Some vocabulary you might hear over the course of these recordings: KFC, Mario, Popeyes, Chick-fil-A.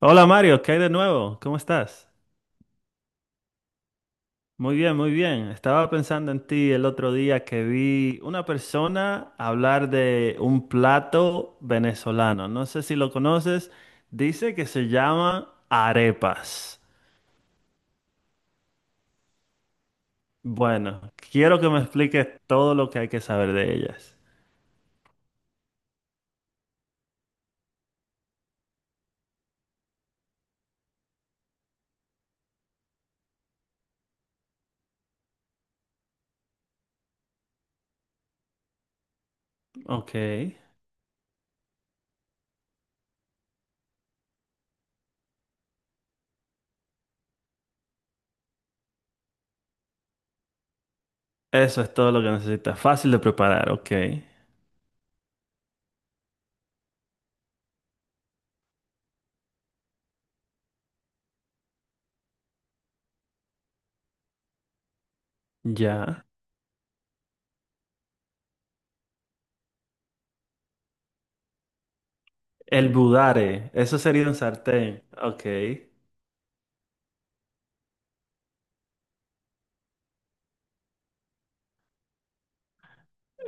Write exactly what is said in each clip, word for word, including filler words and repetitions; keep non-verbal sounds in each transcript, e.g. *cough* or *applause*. Hola Mario, ¿qué hay de nuevo? ¿Cómo estás? Muy bien, muy bien. Estaba pensando en ti el otro día que vi una persona hablar de un plato venezolano. No sé si lo conoces. Dice que se llama arepas. Bueno, quiero que me expliques todo lo que hay que saber de ellas. Ok. Eso es todo lo que necesitas. Fácil de preparar, ok. Ya. El budare, eso sería un sartén. Ok.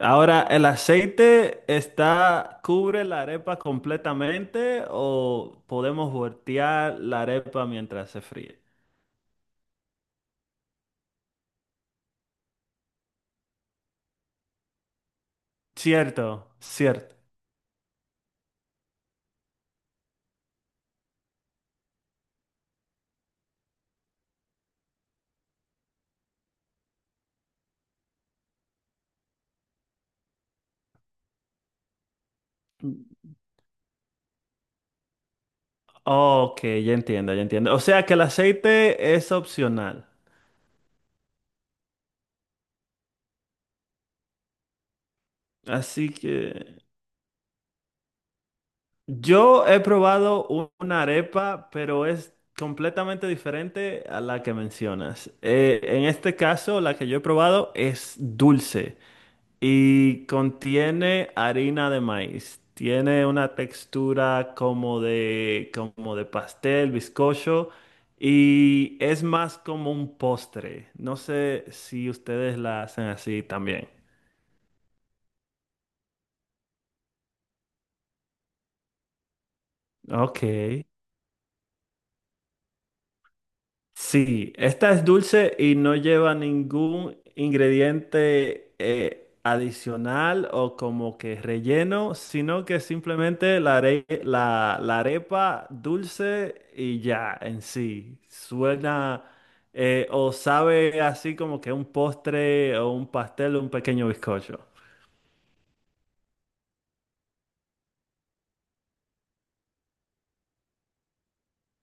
Ahora, ¿el aceite está, cubre la arepa completamente o podemos voltear la arepa mientras se fríe? Cierto, cierto. Ok, ya entiendo, ya entiendo. O sea que el aceite es opcional. Así que yo he probado u- una arepa, pero es completamente diferente a la que mencionas. Eh, en este caso, la que yo he probado es dulce. Y contiene harina de maíz. Tiene una textura como de, como de pastel, bizcocho, y es más como un postre. No sé si ustedes la hacen así también. Ok. Sí, esta es dulce y no lleva ningún ingrediente eh, adicional o como que relleno, sino que simplemente la, are- la, la arepa dulce y ya en sí. Suena eh, o sabe así como que un postre o un pastel o un pequeño bizcocho.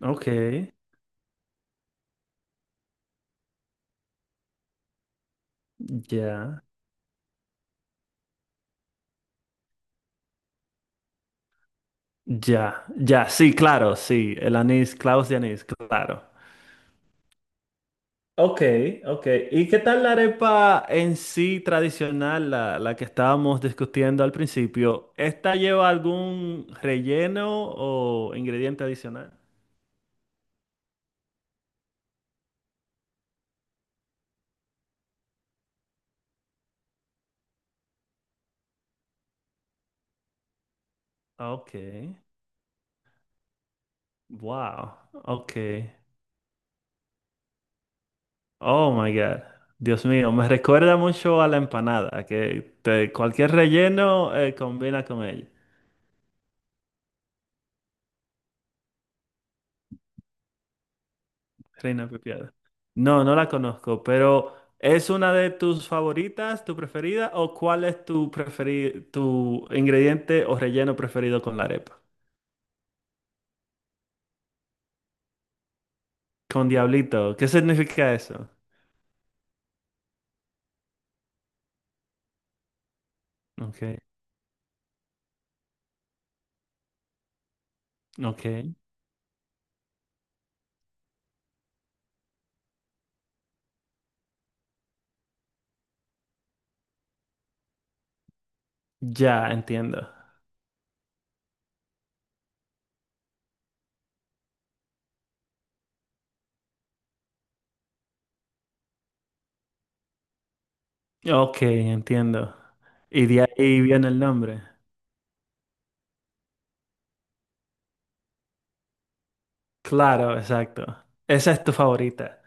Ok, ya, ya, ya, sí, claro, sí, el anís, clavos de anís, claro. Ok, ok. ¿Y qué tal la arepa en sí tradicional, la, la que estábamos discutiendo al principio? ¿Esta lleva algún relleno o ingrediente adicional? Ok. Wow. Ok. Oh my God. Dios mío, me recuerda mucho a la empanada, que te- cualquier relleno eh, combina con ella. Reina Pepiada. No, no la conozco, pero ¿es una de tus favoritas, tu preferida, o cuál es tu preferi- tu ingrediente o relleno preferido con la arepa? Con diablito, ¿qué significa eso? Ok, ok. Ya entiendo. Ok, entiendo. Y de ahí viene el nombre. Claro, exacto. Esa es tu favorita.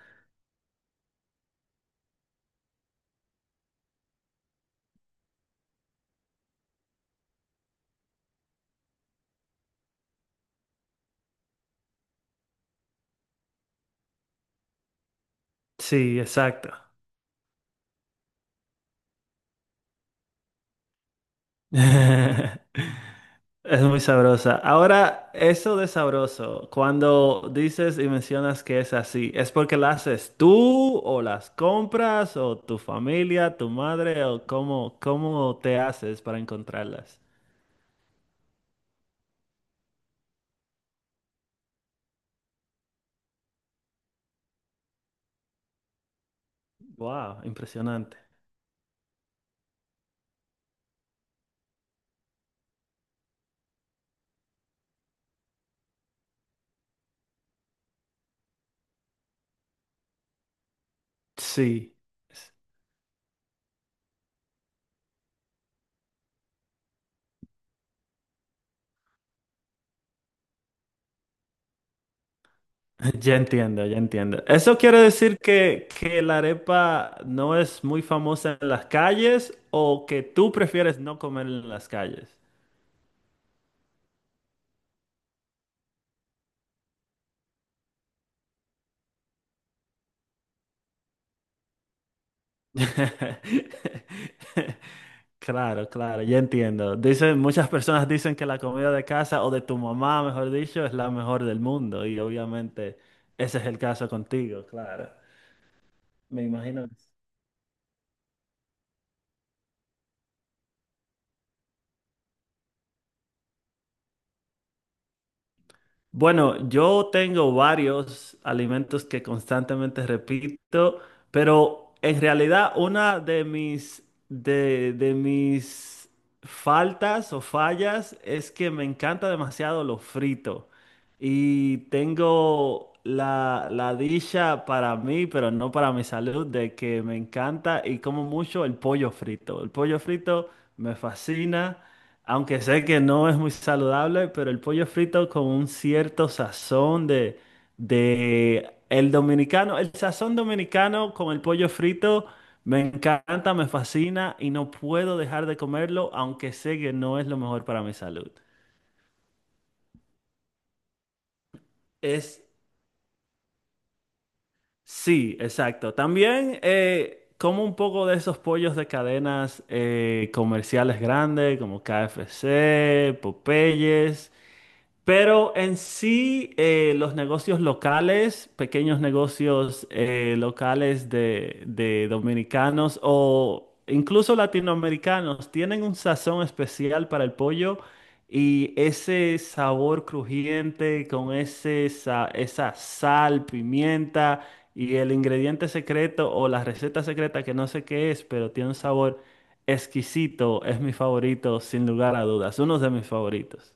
Sí, exacto. *laughs* Es muy sabrosa. Ahora, eso de sabroso, cuando dices y mencionas que es así, ¿es porque la haces tú o las compras o tu familia, tu madre o cómo, cómo te haces para encontrarlas? Wow, impresionante. Sí, es- *laughs* ya entiendo, ya entiendo. Eso quiere decir que, que la arepa no es muy famosa en las calles o que tú prefieres no comer en las calles. *laughs* Claro, claro, ya entiendo. Dicen, muchas personas dicen que la comida de casa o de tu mamá, mejor dicho, es la mejor del mundo y obviamente ese es el caso contigo, claro. Me imagino. Bueno, yo tengo varios alimentos que constantemente repito, pero en realidad una de mis, de, de mis faltas o fallas es que me encanta demasiado lo frito. Y tengo la, la dicha para mí, pero no para mi salud, de que me encanta y como mucho el pollo frito. El pollo frito me fascina. Aunque sé que no es muy saludable, pero el pollo frito con un cierto sazón de, de el dominicano, el sazón dominicano con el pollo frito me encanta, me fascina y no puedo dejar de comerlo, aunque sé que no es lo mejor para mi salud. Es, sí, exacto. También eh, como un poco de esos pollos de cadenas eh, comerciales grandes como K F C, Popeyes. Pero en sí, eh, los negocios locales, pequeños negocios eh, locales de, de dominicanos o incluso latinoamericanos, tienen un sazón especial para el pollo y ese sabor crujiente con ese, sa- esa sal, pimienta y el ingrediente secreto o la receta secreta que no sé qué es, pero tiene un sabor exquisito, es mi favorito, sin lugar a dudas, uno de mis favoritos.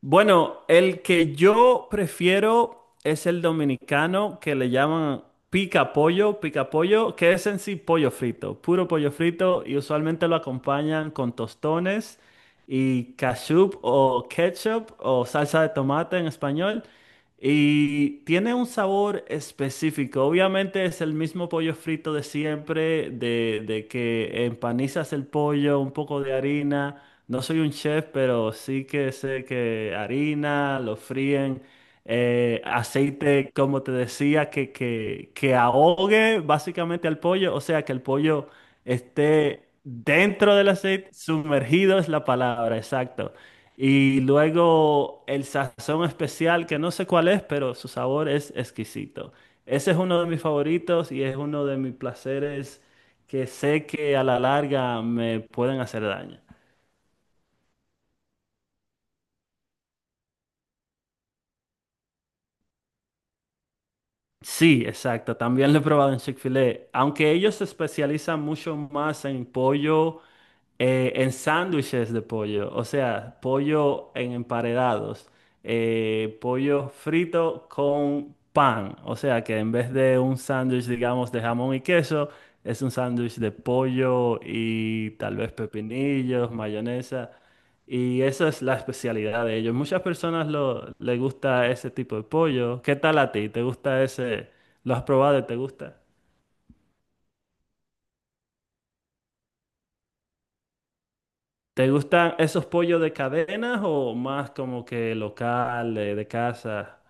Bueno, el que yo prefiero es el dominicano que le llaman pica pollo, pica pollo, que es en sí pollo frito, puro pollo frito y usualmente lo acompañan con tostones y ketchup o ketchup o salsa de tomate en español. Y tiene un sabor específico. Obviamente es el mismo pollo frito de siempre, de, de que empanizas el pollo, un poco de harina. No soy un chef, pero sí que sé que harina, lo fríen, eh, aceite, como te decía, que, que, que ahogue básicamente al pollo. O sea, que el pollo esté dentro del aceite, sumergido es la palabra, exacto. Y luego el sazón especial, que no sé cuál es, pero su sabor es exquisito. Ese es uno de mis favoritos y es uno de mis placeres que sé que a la larga me pueden hacer daño. Sí, exacto. También lo he probado en Chick-fil-A. Aunque ellos se especializan mucho más en pollo eh, en sándwiches de pollo, o sea, pollo en emparedados, eh, pollo frito con pan, o sea que en vez de un sándwich, digamos, de jamón y queso, es un sándwich de pollo y tal vez pepinillos, mayonesa, y esa es la especialidad de ellos. Muchas personas lo, les gusta ese tipo de pollo. ¿Qué tal a ti? ¿Te gusta ese? ¿Lo has probado y te gusta? ¿Te gustan esos pollos de cadenas o más como que locales, de casa?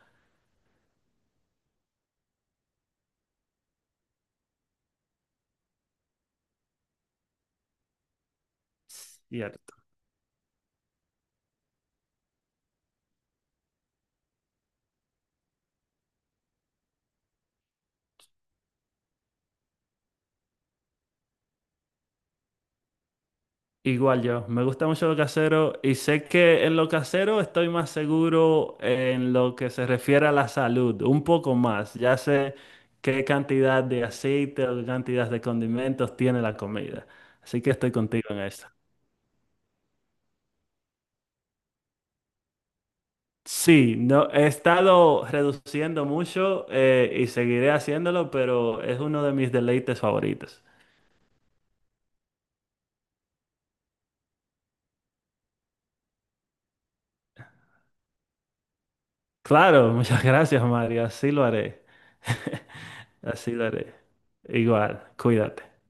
Cierto. Igual yo, me gusta mucho lo casero y sé que en lo casero estoy más seguro en lo que se refiere a la salud, un poco más. Ya sé qué cantidad de aceite o qué cantidad de condimentos tiene la comida. Así que estoy contigo en eso. Sí, no, he estado reduciendo mucho eh, y seguiré haciéndolo, pero es uno de mis deleites favoritos. Claro, *laughs* muchas gracias, Mario. Así lo haré. *laughs* Así lo haré. Igual, cuídate.